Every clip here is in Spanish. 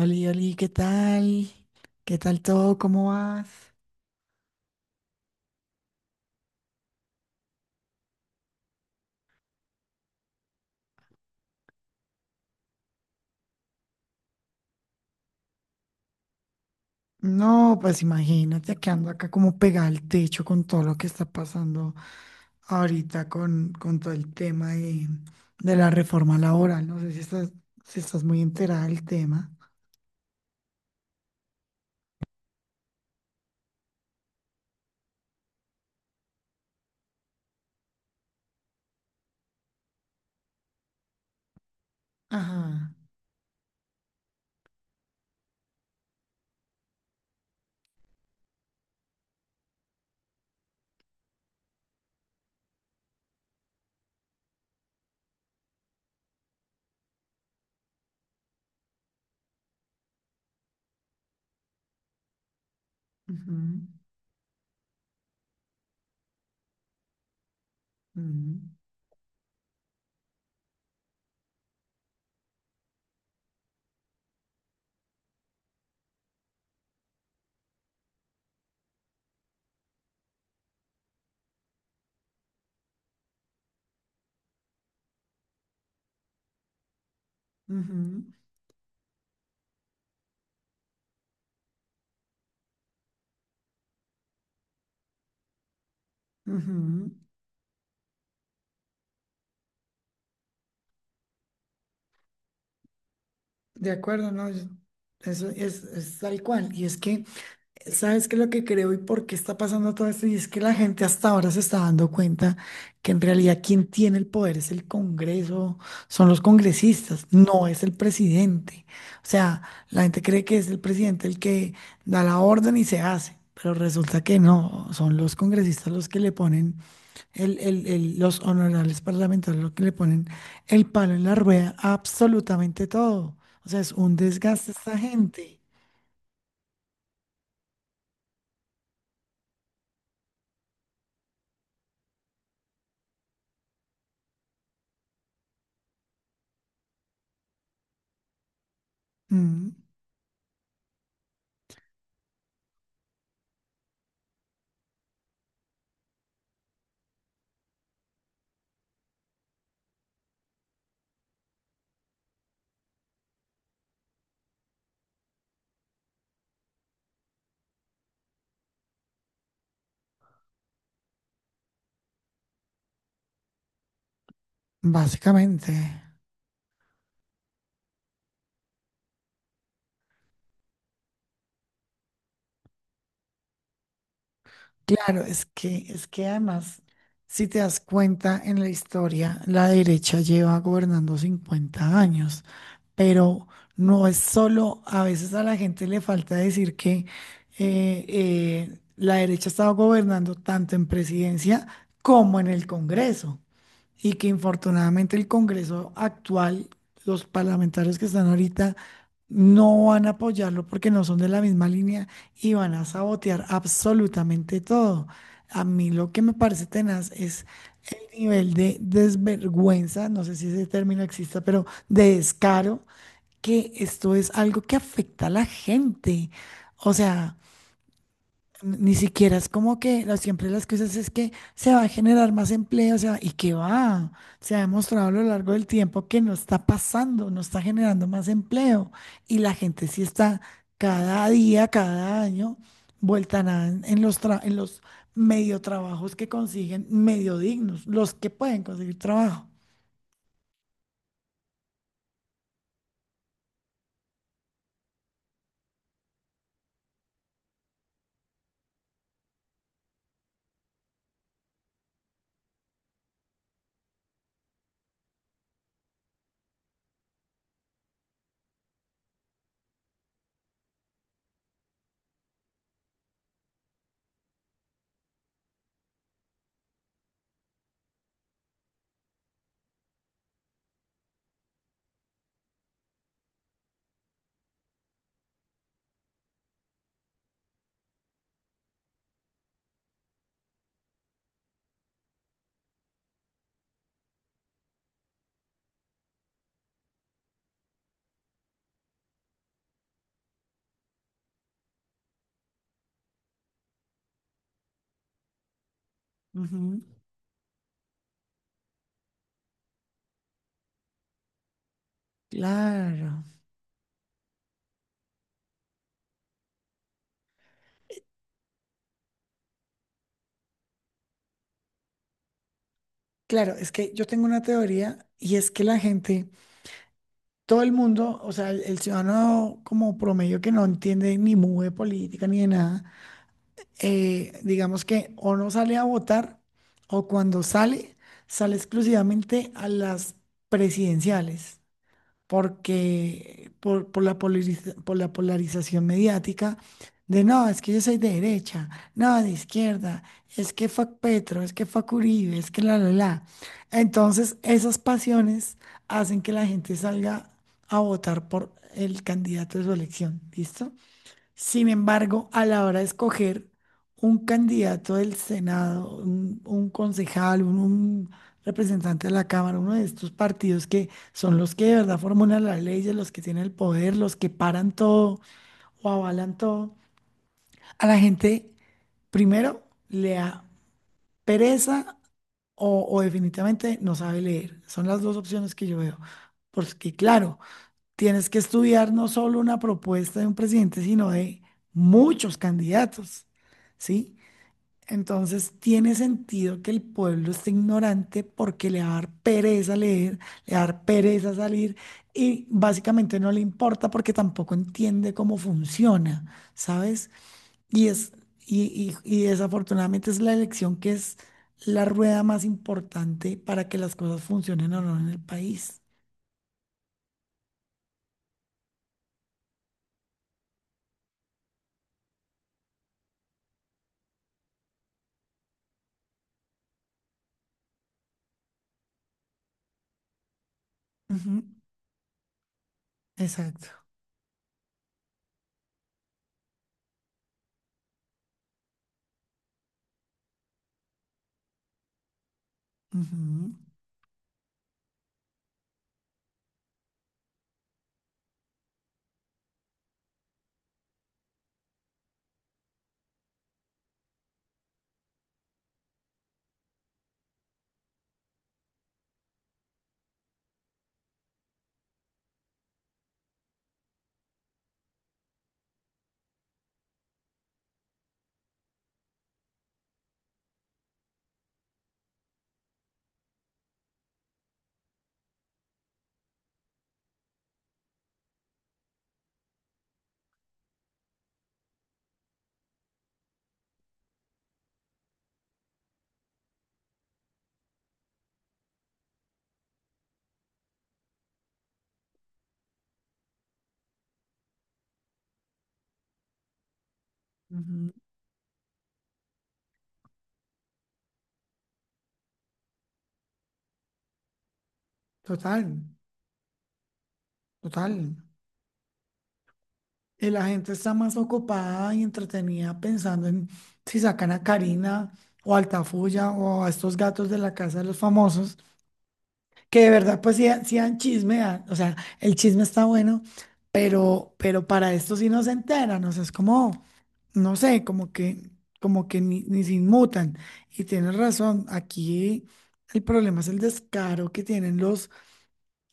Oli, Oli, ¿qué tal? ¿Qué tal todo? ¿Cómo vas? No, pues imagínate que ando acá como pegada al techo con todo lo que está pasando ahorita con todo el tema de la reforma laboral. No sé si estás, si estás muy enterada del tema. Ajá. Ujú. Ujú. Ujú. Ujú. De acuerdo, ¿no? Eso es tal cual. Y es que ¿sabes qué es lo que creo y por qué está pasando todo esto? Y es que la gente hasta ahora se está dando cuenta que en realidad quien tiene el poder es el Congreso, son los congresistas, no es el presidente. O sea, la gente cree que es el presidente el que da la orden y se hace, pero resulta que no, son los congresistas los que le ponen, el los honorables parlamentarios los que le ponen el palo en la rueda a absolutamente todo. O sea, es un desgaste esta gente. Mm. Básicamente. Claro, es que además, si te das cuenta en la historia, la derecha lleva gobernando 50 años, pero no es solo, a veces a la gente le falta decir que la derecha ha estado gobernando tanto en presidencia como en el Congreso y que infortunadamente el Congreso actual, los parlamentarios que están ahorita, no van a apoyarlo porque no son de la misma línea y van a sabotear absolutamente todo. A mí lo que me parece tenaz es el nivel de desvergüenza, no sé si ese término exista, pero de descaro, que esto es algo que afecta a la gente. O sea... Ni siquiera es como que la- siempre las cosas es que se va a generar más empleo, o sea, y qué va, se ha demostrado a lo largo del tiempo que no está pasando, no está generando más empleo y la gente sí está cada día, cada año, vuelta a nada en los medio trabajos que consiguen, medio dignos, los que pueden conseguir trabajo. Ujú. Claro, claro, es que yo tengo una teoría y es que la gente todo el mundo, o sea, el ciudadano como promedio que no entiende ni mueve política ni de nada, digamos que o no sale a votar o cuando sale, sale exclusivamente a las presidenciales porque por la polarización mediática de no, es que yo soy de derecha, no, de izquierda, es que fue Petro, es que fue Uribe, es que la. Entonces, esas pasiones hacen que la gente salga a votar por el candidato de su elección, ¿listo? Sin embargo, a la hora de escoger un candidato del Senado, un concejal, un representante de la Cámara, uno de estos partidos que son los que de verdad formulan las leyes, los que tienen el poder, los que paran todo o avalan todo, a la gente primero le da pereza o definitivamente no sabe leer. Son las dos opciones que yo veo. Porque claro, tienes que estudiar no solo una propuesta de un presidente, sino de muchos candidatos, ¿sí? Entonces tiene sentido que el pueblo esté ignorante porque le va a dar pereza leer, le va a dar pereza salir y básicamente no le importa porque tampoco entiende cómo funciona, ¿sabes? Y es, y desafortunadamente es la elección que es la rueda más importante para que las cosas funcionen o no en el país. Ujú. Exacto. Ujú. Ujú. Total. Total. Y la gente está más ocupada y entretenida pensando en si sacan a Karina o a Altafulla o a estos gatos de la casa de los famosos, que de verdad pues sí, sí dan chisme, o sea, el chisme está bueno, pero para esto sí no se enteran, o sea, es como, no sé, como que, ni, ni se inmutan. Y tienes razón, aquí el problema es el descaro que tienen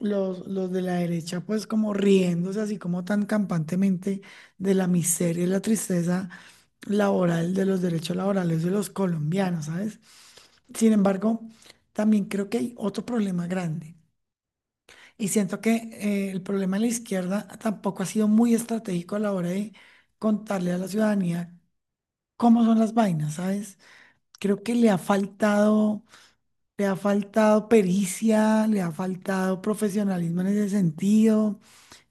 los de la derecha, pues como riéndose así como tan campantemente de la miseria y la tristeza laboral de los derechos laborales de los colombianos, ¿sabes? Sin embargo, también creo que hay otro problema grande. Y siento que el problema de la izquierda tampoco ha sido muy estratégico a la hora de contarle a la ciudadanía cómo son las vainas, ¿sabes? Creo que le ha faltado pericia, le ha faltado profesionalismo en ese sentido.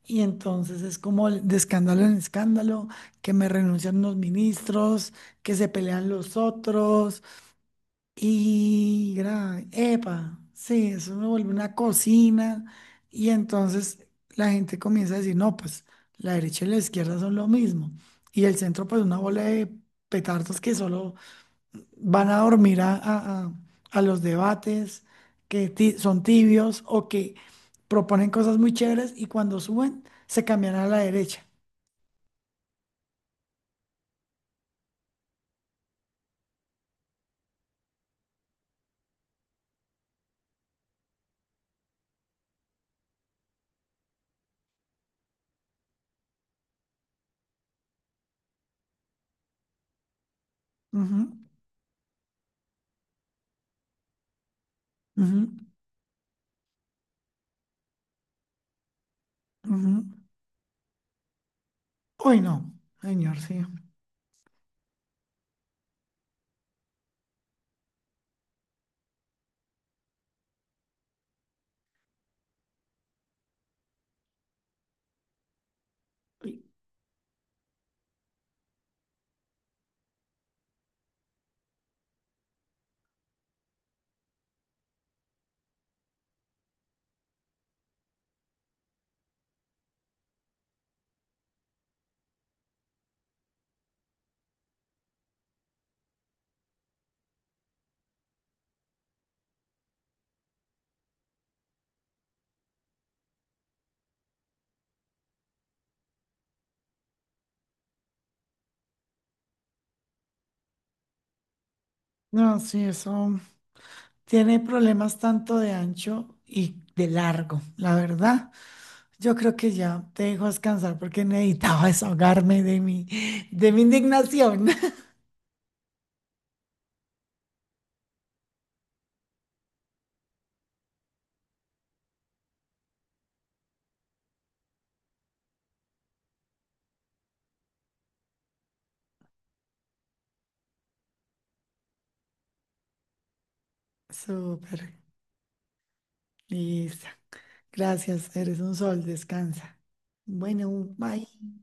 Y entonces es como el- de escándalo en escándalo, que me renuncian los ministros, que se pelean los otros, y gra- epa, sí, eso me vuelve una cocina. Y entonces la gente comienza a decir, no, pues la derecha y la izquierda son lo mismo. Y el centro, pues una bola de petardos que solo van a dormir a los debates que son tibios o que proponen cosas muy chéveres y cuando suben se cambian a la derecha. Ujú. Ujú. Ujú. Uy, no, señor, sí. Uy, no, sí, eso tiene problemas tanto de ancho y de largo, la verdad. Yo creo que ya te dejo descansar porque necesitaba desahogarme de mi indignación. Súper. Lisa. Gracias, eres un sol, descansa. Bueno, bye.